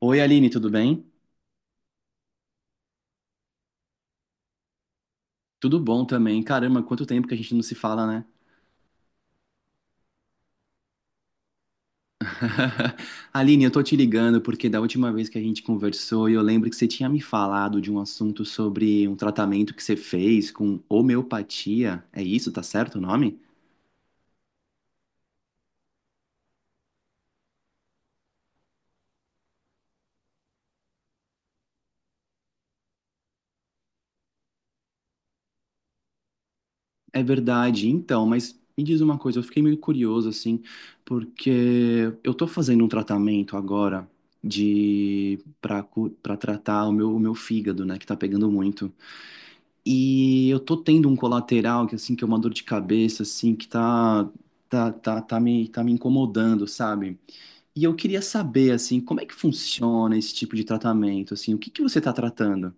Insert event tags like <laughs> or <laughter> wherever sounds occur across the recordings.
Oi, Aline, tudo bem? Tudo bom também. Caramba, quanto tempo que a gente não se fala, né? <laughs> Aline, eu tô te ligando porque da última vez que a gente conversou, eu lembro que você tinha me falado de um assunto sobre um tratamento que você fez com homeopatia. É isso, tá certo o nome? É verdade, então, mas me diz uma coisa, eu fiquei meio curioso assim, porque eu tô fazendo um tratamento agora de para tratar o meu fígado, né, que tá pegando muito. E eu tô tendo um colateral que assim que é uma dor de cabeça assim que tá me incomodando, sabe? E eu queria saber assim, como é que funciona esse tipo de tratamento assim? O que que você tá tratando?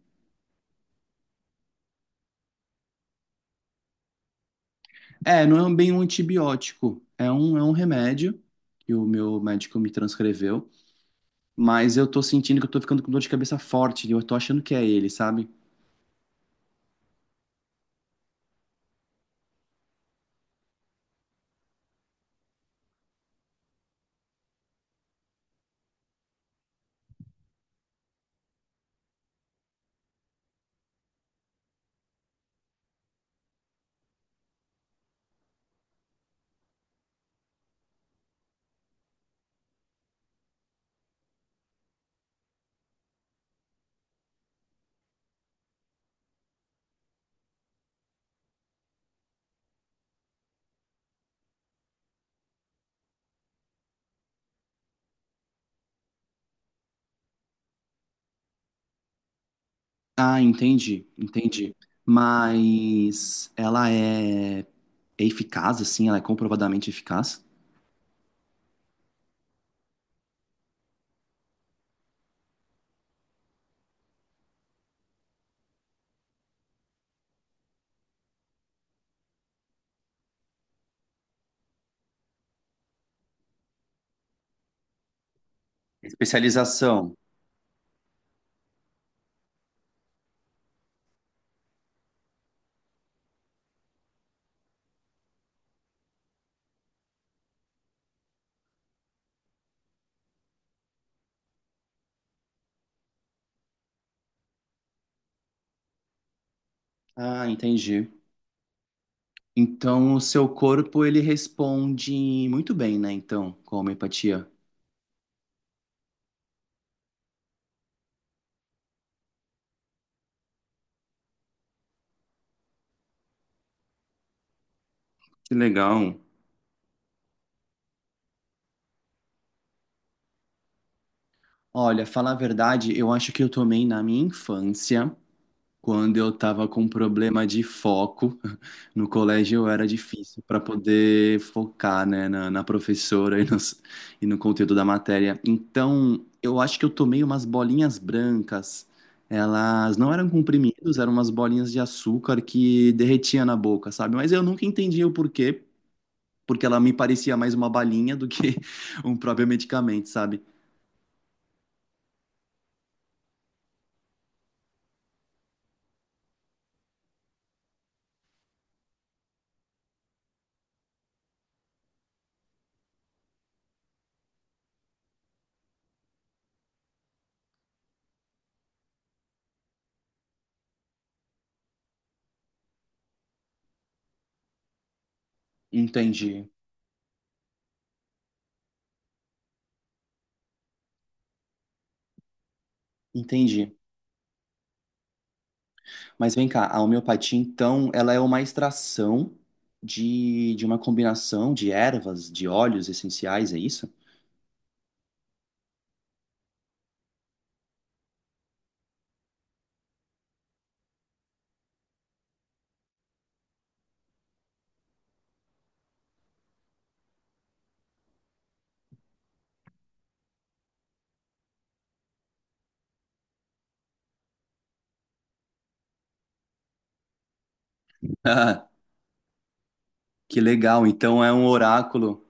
É, não é bem um antibiótico, é um remédio que o meu médico me transcreveu, mas eu tô sentindo que eu tô ficando com dor de cabeça forte, e eu tô achando que é ele, sabe? Ah, entendi, entendi. Mas ela é, é eficaz, assim, ela é comprovadamente eficaz? Especialização. Ah, entendi. Então, o seu corpo, ele responde muito bem, né? Então, com a homeopatia. Que legal. Olha, falar a verdade, eu acho que eu tomei na minha infância. Quando eu estava com problema de foco <laughs> no colégio, eu era difícil para poder focar, né, na, na professora e e no, conteúdo da matéria. Então, eu acho que eu tomei umas bolinhas brancas. Elas não eram comprimidos, eram umas bolinhas de açúcar que derretia na boca, sabe? Mas eu nunca entendi o porquê, porque ela me parecia mais uma balinha do que <laughs> um próprio medicamento, sabe? Entendi, entendi. Mas vem cá, a homeopatia, então, ela é uma extração de uma combinação de ervas, de óleos essenciais, é isso? <laughs> Ah, que legal, então é um oráculo.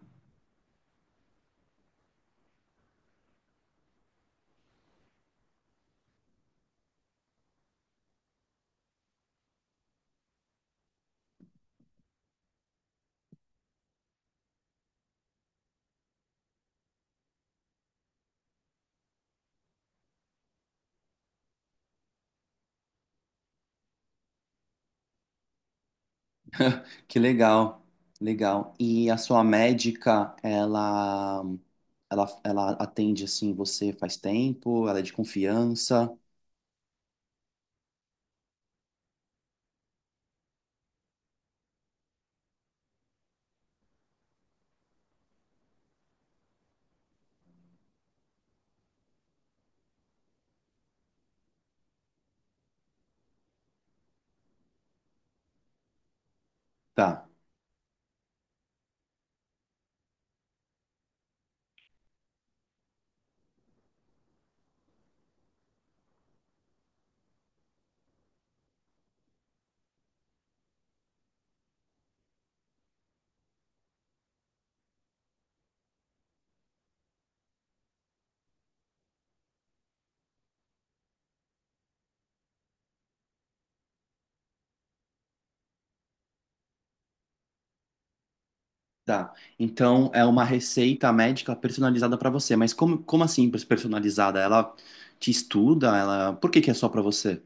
Que legal, legal. E a sua médica, ela, ela atende, assim, você faz tempo, ela é de confiança. Tá, tá. Então, é uma receita médica personalizada para você. Mas como, como assim personalizada? Ela te estuda? Ela... Por que que é só para você?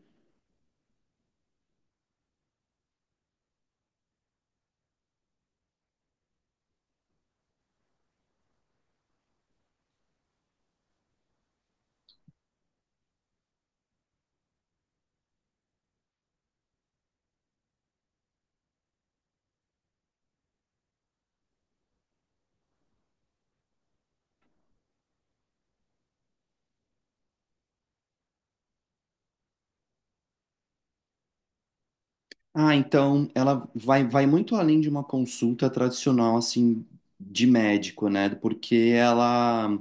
Ah, então ela vai, vai muito além de uma consulta tradicional, assim, de médico, né? Porque ela.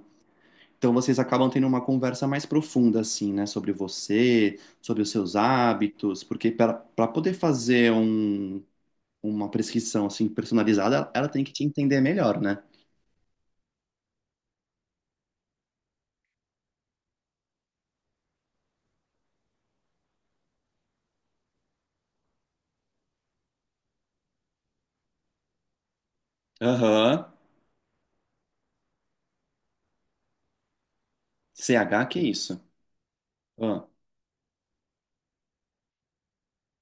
Então vocês acabam tendo uma conversa mais profunda, assim, né? Sobre você, sobre os seus hábitos, porque para poder fazer um, uma prescrição, assim, personalizada, ela, tem que te entender melhor, né? Aham. C H, que é isso? Ah,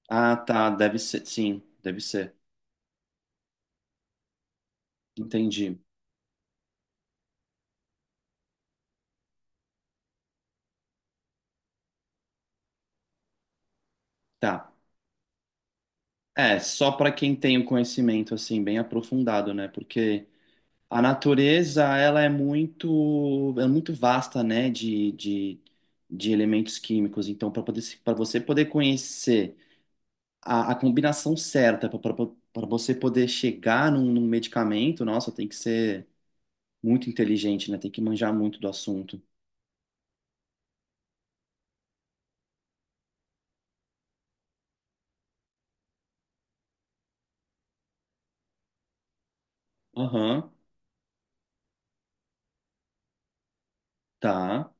Ah, tá, deve ser. Sim, deve ser. Entendi. Tá. É, só para quem tem o conhecimento assim bem aprofundado, né? Porque a natureza ela é muito vasta, né? De elementos químicos. Então, para você poder conhecer a combinação certa para você poder chegar num, num medicamento, nossa, tem que ser muito inteligente, né? Tem que manjar muito do assunto. Aham, tá.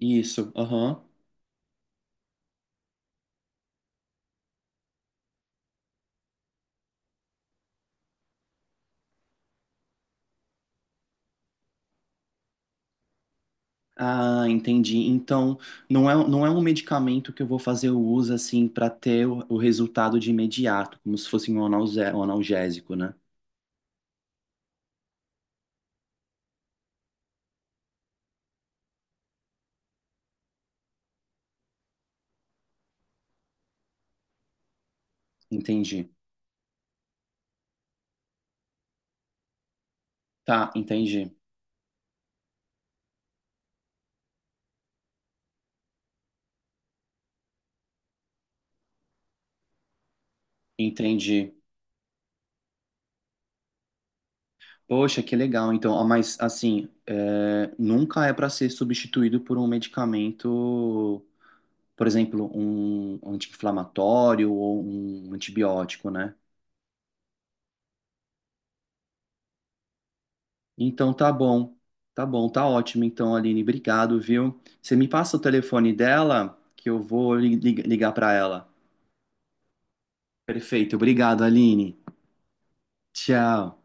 Isso. Aham. Ah, entendi. Então, não é, não é um medicamento que eu vou fazer o uso assim para ter o resultado de imediato, como se fosse um um analgésico, né? Entendi. Tá, entendi. Entendi. Poxa, que legal. Então, ah, mas assim, é, nunca é para ser substituído por um medicamento, por exemplo, um anti-inflamatório ou um antibiótico, né? Então tá bom. Tá bom, tá ótimo. Então, Aline, obrigado, viu? Você me passa o telefone dela que eu vou ligar para ela. Perfeito, obrigado, Aline. Tchau.